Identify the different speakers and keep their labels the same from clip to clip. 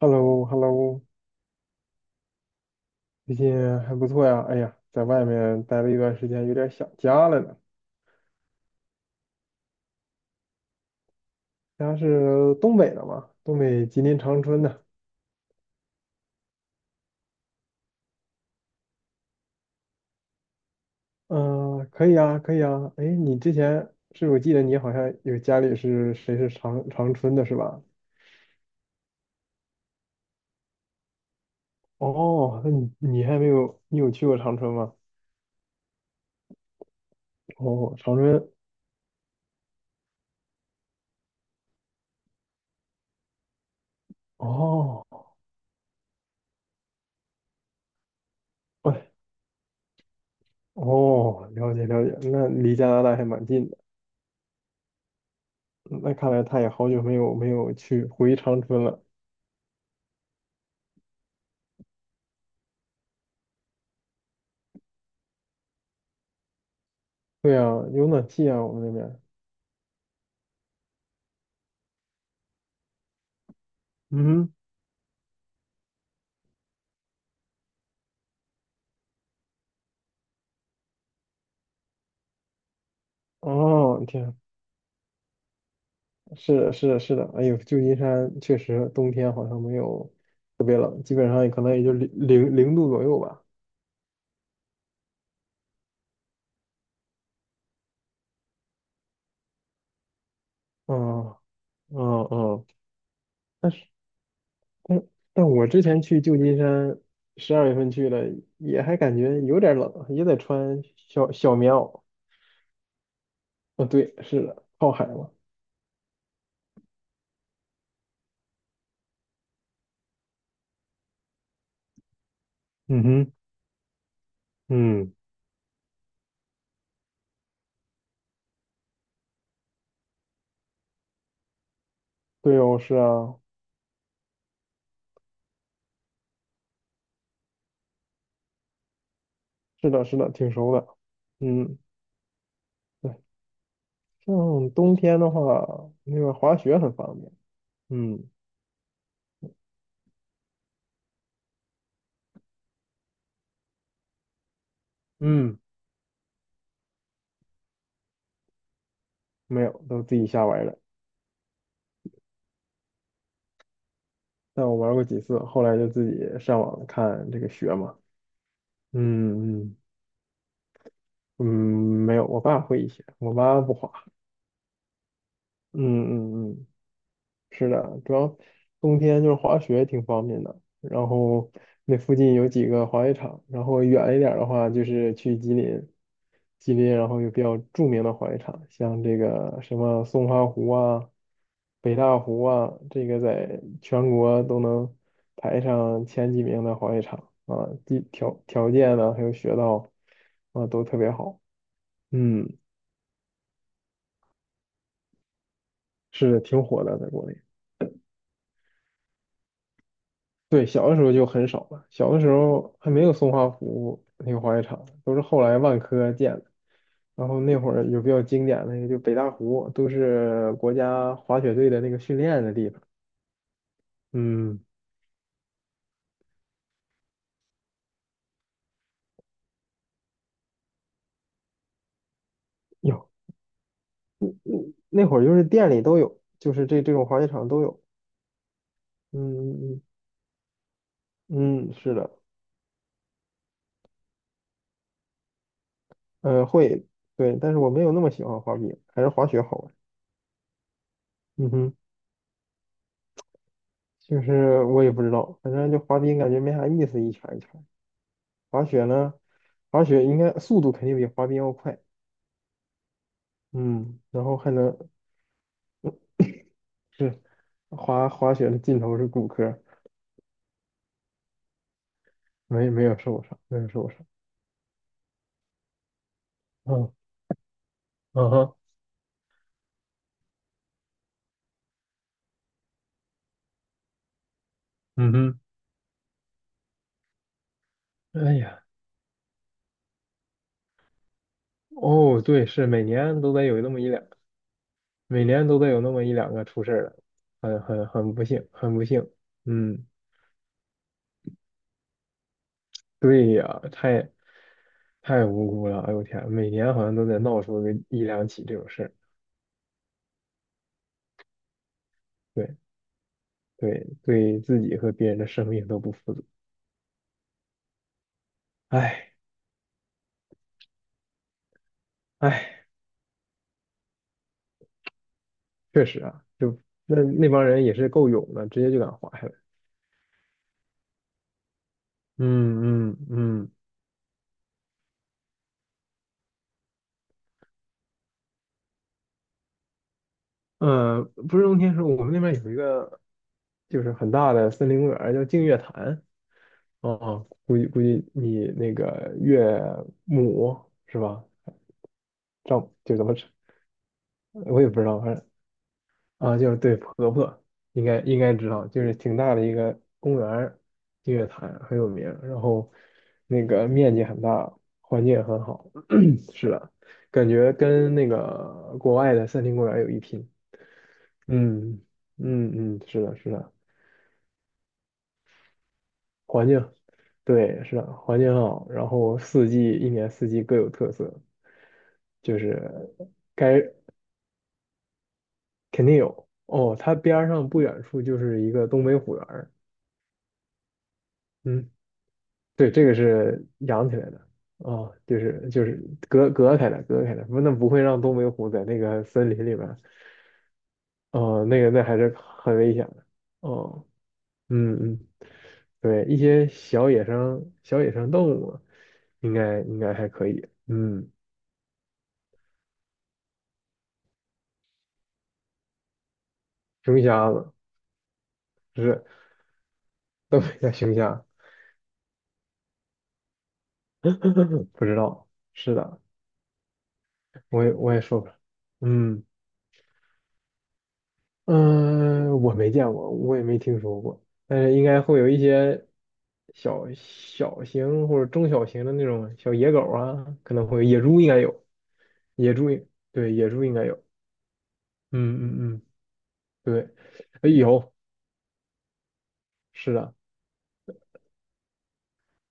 Speaker 1: h e l l o h e l l o 最近还不错呀。哎呀，在外面待了一段时间，有点想家了呢。家是东北的嘛，东北吉林长春的。嗯、可以啊，可以啊。哎，你之前是我记得你好像有家里是谁是长春的是吧？哦，那你还没有，你有去过长春吗？哦，长春。哦，哎，哦，了解了解，那离加拿大还蛮近的。那看来他也好久没有去回长春了。对啊，有暖气啊，我们那边。嗯哼，哦，天，是的，是的，是的。哎呦，旧金山确实冬天好像没有特别冷，基本上也可能也就零度左右吧。嗯嗯嗯，但是但我之前去旧金山，12月份去的，也还感觉有点冷，也得穿小小棉袄。啊，对，是的，靠海嘛。嗯哼，嗯。对哦，是啊，是的，是的，挺熟的。嗯，对，像冬天的话，那个滑雪很方便。嗯嗯，没有，都自己瞎玩儿的。但我玩过几次，后来就自己上网看这个雪嘛。嗯嗯嗯，没有，我爸会一些，我妈不滑。嗯嗯嗯，是的，主要冬天就是滑雪挺方便的，然后那附近有几个滑雪场，然后远一点儿的话就是去吉林，吉林然后有比较著名的滑雪场，像这个什么松花湖啊、北大湖啊，这个在全国都能排上前几名的滑雪场啊，条件呢还有雪道啊都特别好，嗯，是挺火的，在国内。对，小的时候就很少了，小的时候还没有松花湖那个滑雪场，都是后来万科建的。然后那会儿有比较经典的那个，就北大湖，都是国家滑雪队的那个训练的地方。嗯，有，那会儿就是店里都有，就是这种滑雪场都有。嗯嗯，嗯，是的，会，对，但是我没有那么喜欢滑冰，还是滑雪好玩。嗯哼，就是我也不知道，反正就滑冰感觉没啥意思，一圈儿一圈儿滑雪呢，滑雪应该速度肯定比滑冰要快，嗯，然后还能是滑雪的尽头是骨科，没有受伤，没有受伤，嗯嗯哼，嗯哼，哎呀，哦对，每年都得有那么一两个出事儿的，很不幸，很不幸，嗯，对呀，太无辜了，哎呦天，每年好像都得闹出个一两起这种事儿，对对对，自己和别人的生命都不负责，哎。唉，确实啊，就那帮人也是够勇的，直接就敢滑下来。嗯嗯嗯，不是冬天时候，我们那边有一个就是很大的森林公园儿叫净月潭。哦，估计估计你那个岳母是吧？丈就怎么称，我也不知道，反正。啊，就是对婆婆，应该应该知道，就是挺大的一个公园儿，日月潭很有名儿，然后那个面积很大，环境也很好，是的，感觉跟那个国外的森林公园有一拼。嗯嗯嗯，是的，是的，环境，对，是的，环境很好，然后一年四季各有特色，就是该肯定有哦，它边儿上不远处就是一个东北虎园儿。嗯。对，这个是养起来的，哦，就是隔开的，隔开的，不，那不会让东北虎在那个森林里面，哦，那还是很危险的，哦，嗯嗯，对，一些小野生动物应该应该还可以，嗯，熊瞎子不是东北叫熊瞎，不知道，是的，我也说不了，嗯。嗯，我没见过，我也没听说过，但是应该会有一些小小型或者中小型的那种小野狗啊，可能会有野猪应该有，野猪也对野猪应该有，嗯嗯嗯，对，哎有，是的，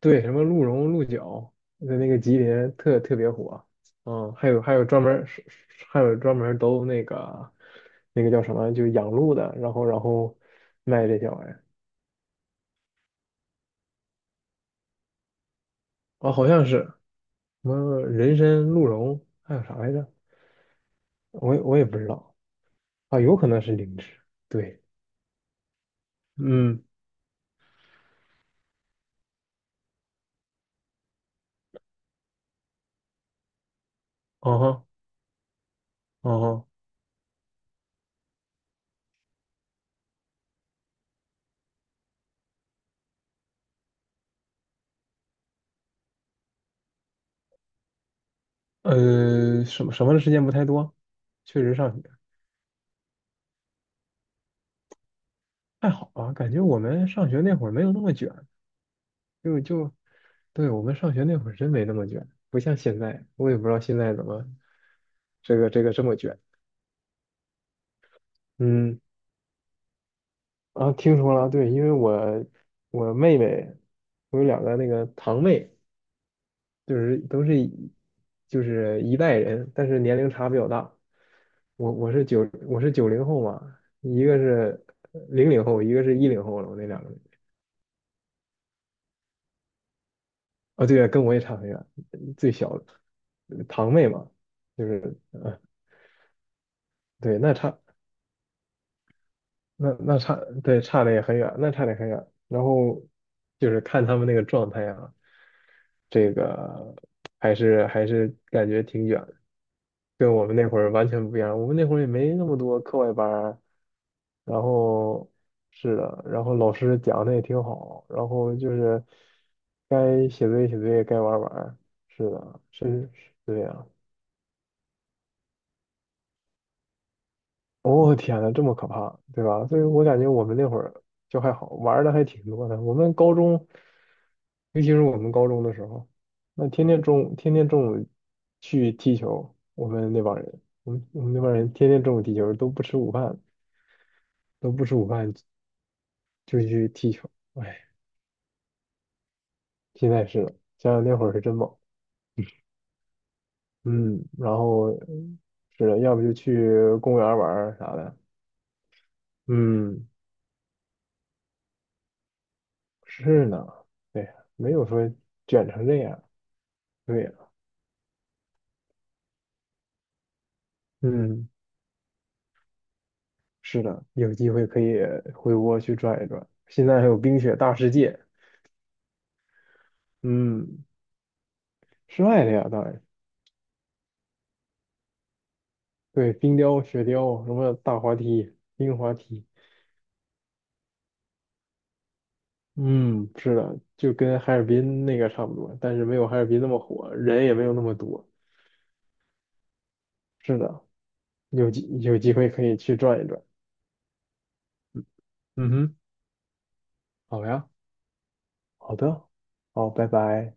Speaker 1: 对，什么鹿茸、鹿角，在那个吉林特别火，嗯，还有专门儿都那个叫什么，就养鹿的，然后卖这些玩意儿，哦，好像是，什么人参、鹿茸，还有啥来着？我也不知道，啊，有可能是灵芝。对，嗯，嗯哼，嗯哼，什么什么的时间不太多，确实上学还好吧，感觉我们上学那会儿没有那么卷，就对我们上学那会儿真没那么卷，不像现在，我也不知道现在怎么这个这么卷。嗯，啊，听说了，对，因为我妹妹，我有两个那个堂妹。就是都是就是一代人，但是年龄差比较大。我是90后嘛，一个是00后，一个是10后了。我那两个人啊，哦对，跟我也差很远，最小的堂妹嘛，就是对，那差那那差对差的也很远，那差的很远。然后就是看他们那个状态啊，这个还是感觉挺远的，跟我们那会儿完全不一样。我们那会儿也没那么多课外班儿。然后是的，然后老师讲的也挺好，然后就是该写作业写作业，该玩儿玩儿，是的，是这样。哦天呐，这么可怕，对吧？所以我感觉我们那会儿就还好，玩儿的还挺多的。我们高中，尤其是我们高中的时候，那天天中午去踢球，我们那帮人天天中午踢球，都不吃午饭，都不吃午饭就去踢球。哎。现在是的，想想那会儿是真猛，嗯，然后是的，要不就去公园玩儿啥的，嗯，是呢，对，没有说卷成这样，对呀，嗯，是的，有机会可以回窝去转一转，现在还有冰雪大世界，嗯，室外的呀，当然，对，冰雕、雪雕，什么大滑梯、冰滑梯，嗯，是的，就跟哈尔滨那个差不多，但是没有哈尔滨那么火，人也没有那么多，是的。有机会可以去转一转。嗯哼，好呀，好的，好，拜拜。